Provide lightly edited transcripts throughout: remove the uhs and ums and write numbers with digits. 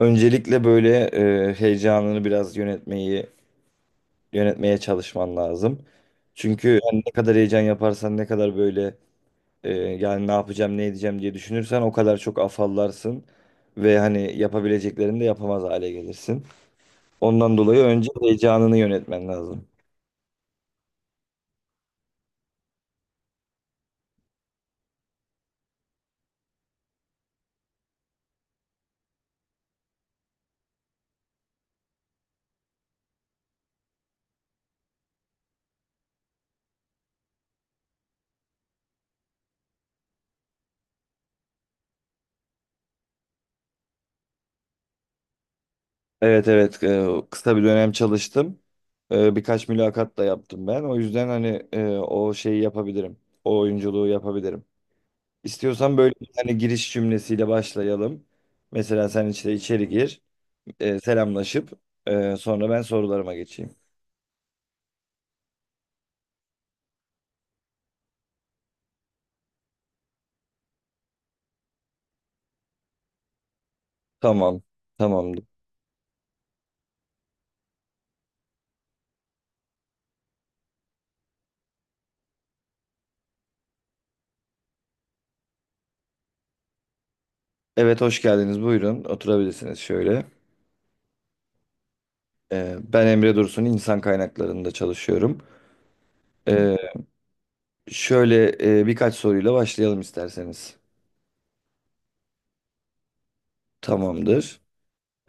Öncelikle böyle heyecanını biraz yönetmeye çalışman lazım. Çünkü yani ne kadar heyecan yaparsan ne kadar böyle yani ne yapacağım ne edeceğim diye düşünürsen o kadar çok afallarsın ve hani yapabileceklerini de yapamaz hale gelirsin. Ondan dolayı önce heyecanını yönetmen lazım. Evet evet, kısa bir dönem çalıştım. Birkaç mülakat da yaptım ben. O yüzden hani o şeyi yapabilirim. O oyunculuğu yapabilirim. İstiyorsan böyle bir tane giriş cümlesiyle başlayalım. Mesela sen işte içeri gir, selamlaşıp sonra ben sorularıma geçeyim. Tamam, tamamdır. Evet, hoş geldiniz. Buyurun, oturabilirsiniz şöyle. Ben Emre Dursun, insan kaynaklarında çalışıyorum. E, Şöyle birkaç soruyla başlayalım isterseniz. Tamamdır.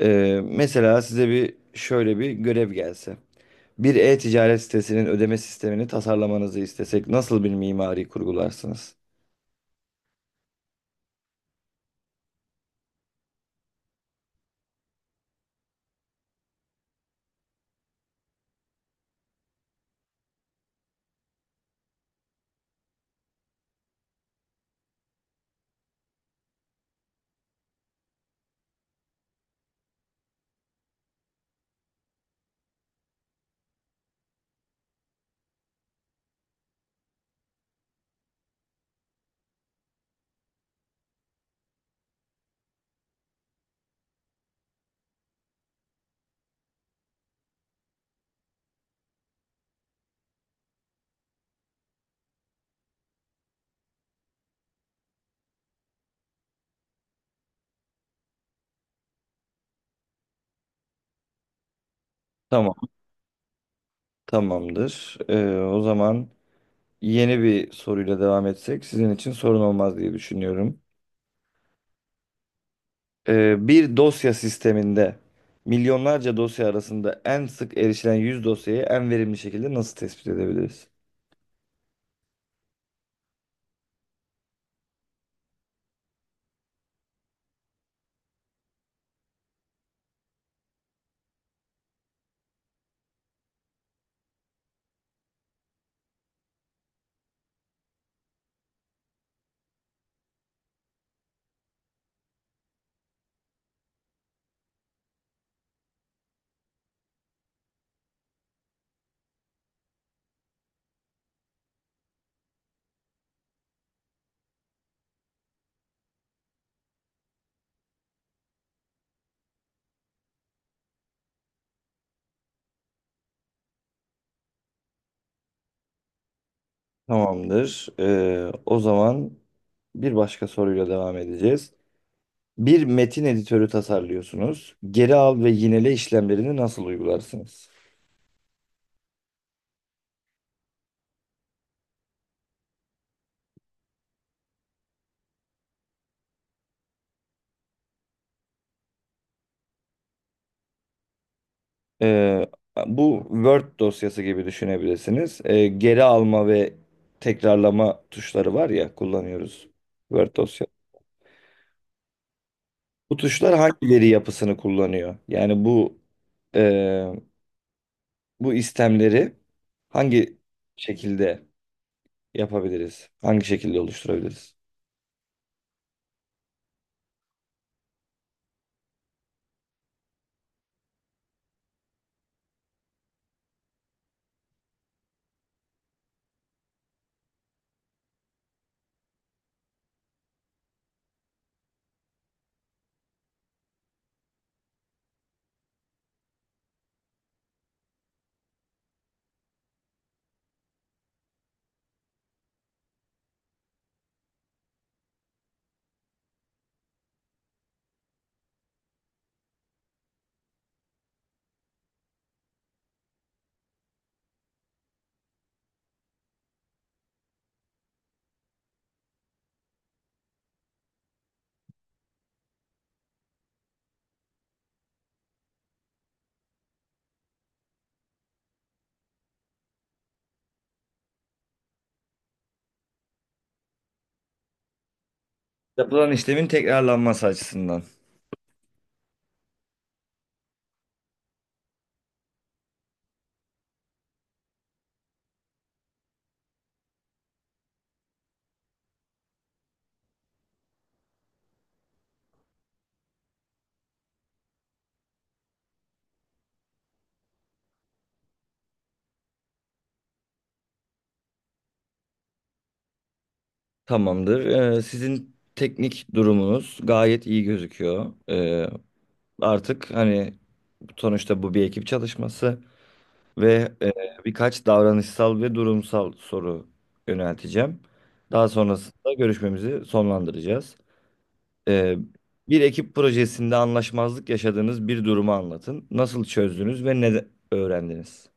E, Mesela size bir şöyle bir görev gelse. Bir e-ticaret sitesinin ödeme sistemini tasarlamanızı istesek nasıl bir mimari kurgularsınız? Tamam. Tamamdır. O zaman yeni bir soruyla devam etsek sizin için sorun olmaz diye düşünüyorum. Bir dosya sisteminde milyonlarca dosya arasında en sık erişilen 100 dosyayı en verimli şekilde nasıl tespit edebiliriz? Tamamdır. O zaman bir başka soruyla devam edeceğiz. Bir metin editörü tasarlıyorsunuz. Geri al ve yinele işlemlerini nasıl uygularsınız? Ee, Bu Word dosyası gibi düşünebilirsiniz. Geri alma ve tekrarlama tuşları var ya, kullanıyoruz Word dosya. Bu tuşlar hangi veri yapısını kullanıyor? Yani bu e, bu istemleri hangi şekilde yapabiliriz? Hangi şekilde oluşturabiliriz? Yapılan işlemin tekrarlanması açısından. Tamamdır. Sizin teknik durumunuz gayet iyi gözüküyor. Artık hani sonuçta bu bir ekip çalışması ve birkaç davranışsal ve durumsal soru yönelteceğim. Daha sonrasında görüşmemizi sonlandıracağız. E, Bir ekip projesinde anlaşmazlık yaşadığınız bir durumu anlatın. Nasıl çözdünüz ve öğrendiniz?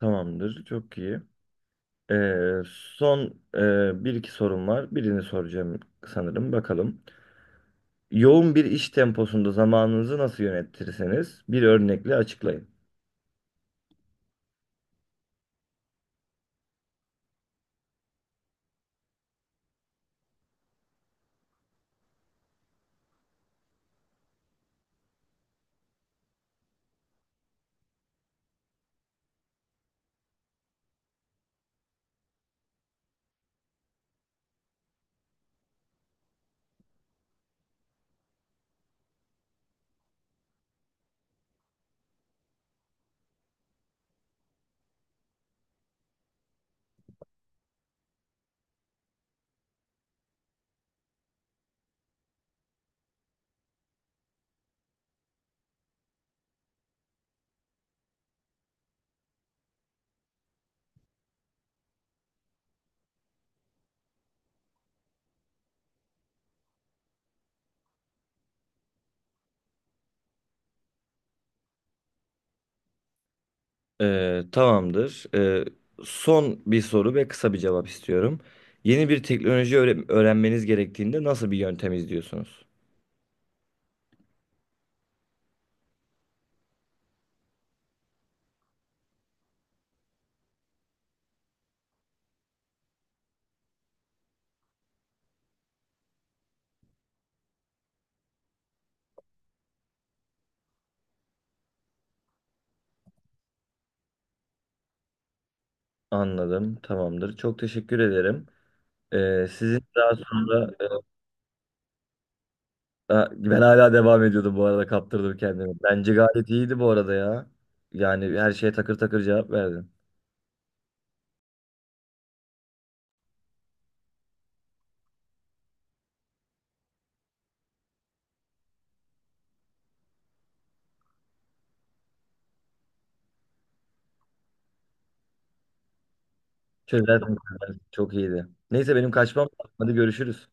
Tamamdır, çok iyi. Ee, Son bir iki sorum var. Birini soracağım sanırım. Bakalım. Yoğun bir iş temposunda zamanınızı nasıl yönetirseniz bir örnekle açıklayın. Tamamdır. Son bir soru ve kısa bir cevap istiyorum. Yeni bir teknoloji öğrenmeniz gerektiğinde nasıl bir yöntem izliyorsunuz? Anladım. Tamamdır. Çok teşekkür ederim. Sizin daha sonra Ha, ben hala devam ediyordum bu arada, kaptırdım kendimi. Bence gayet iyiydi bu arada ya. Yani her şeye takır takır cevap verdin. Çözersin, çözersin. Çok iyiydi. Neyse benim kaçmam lazım. Hadi görüşürüz.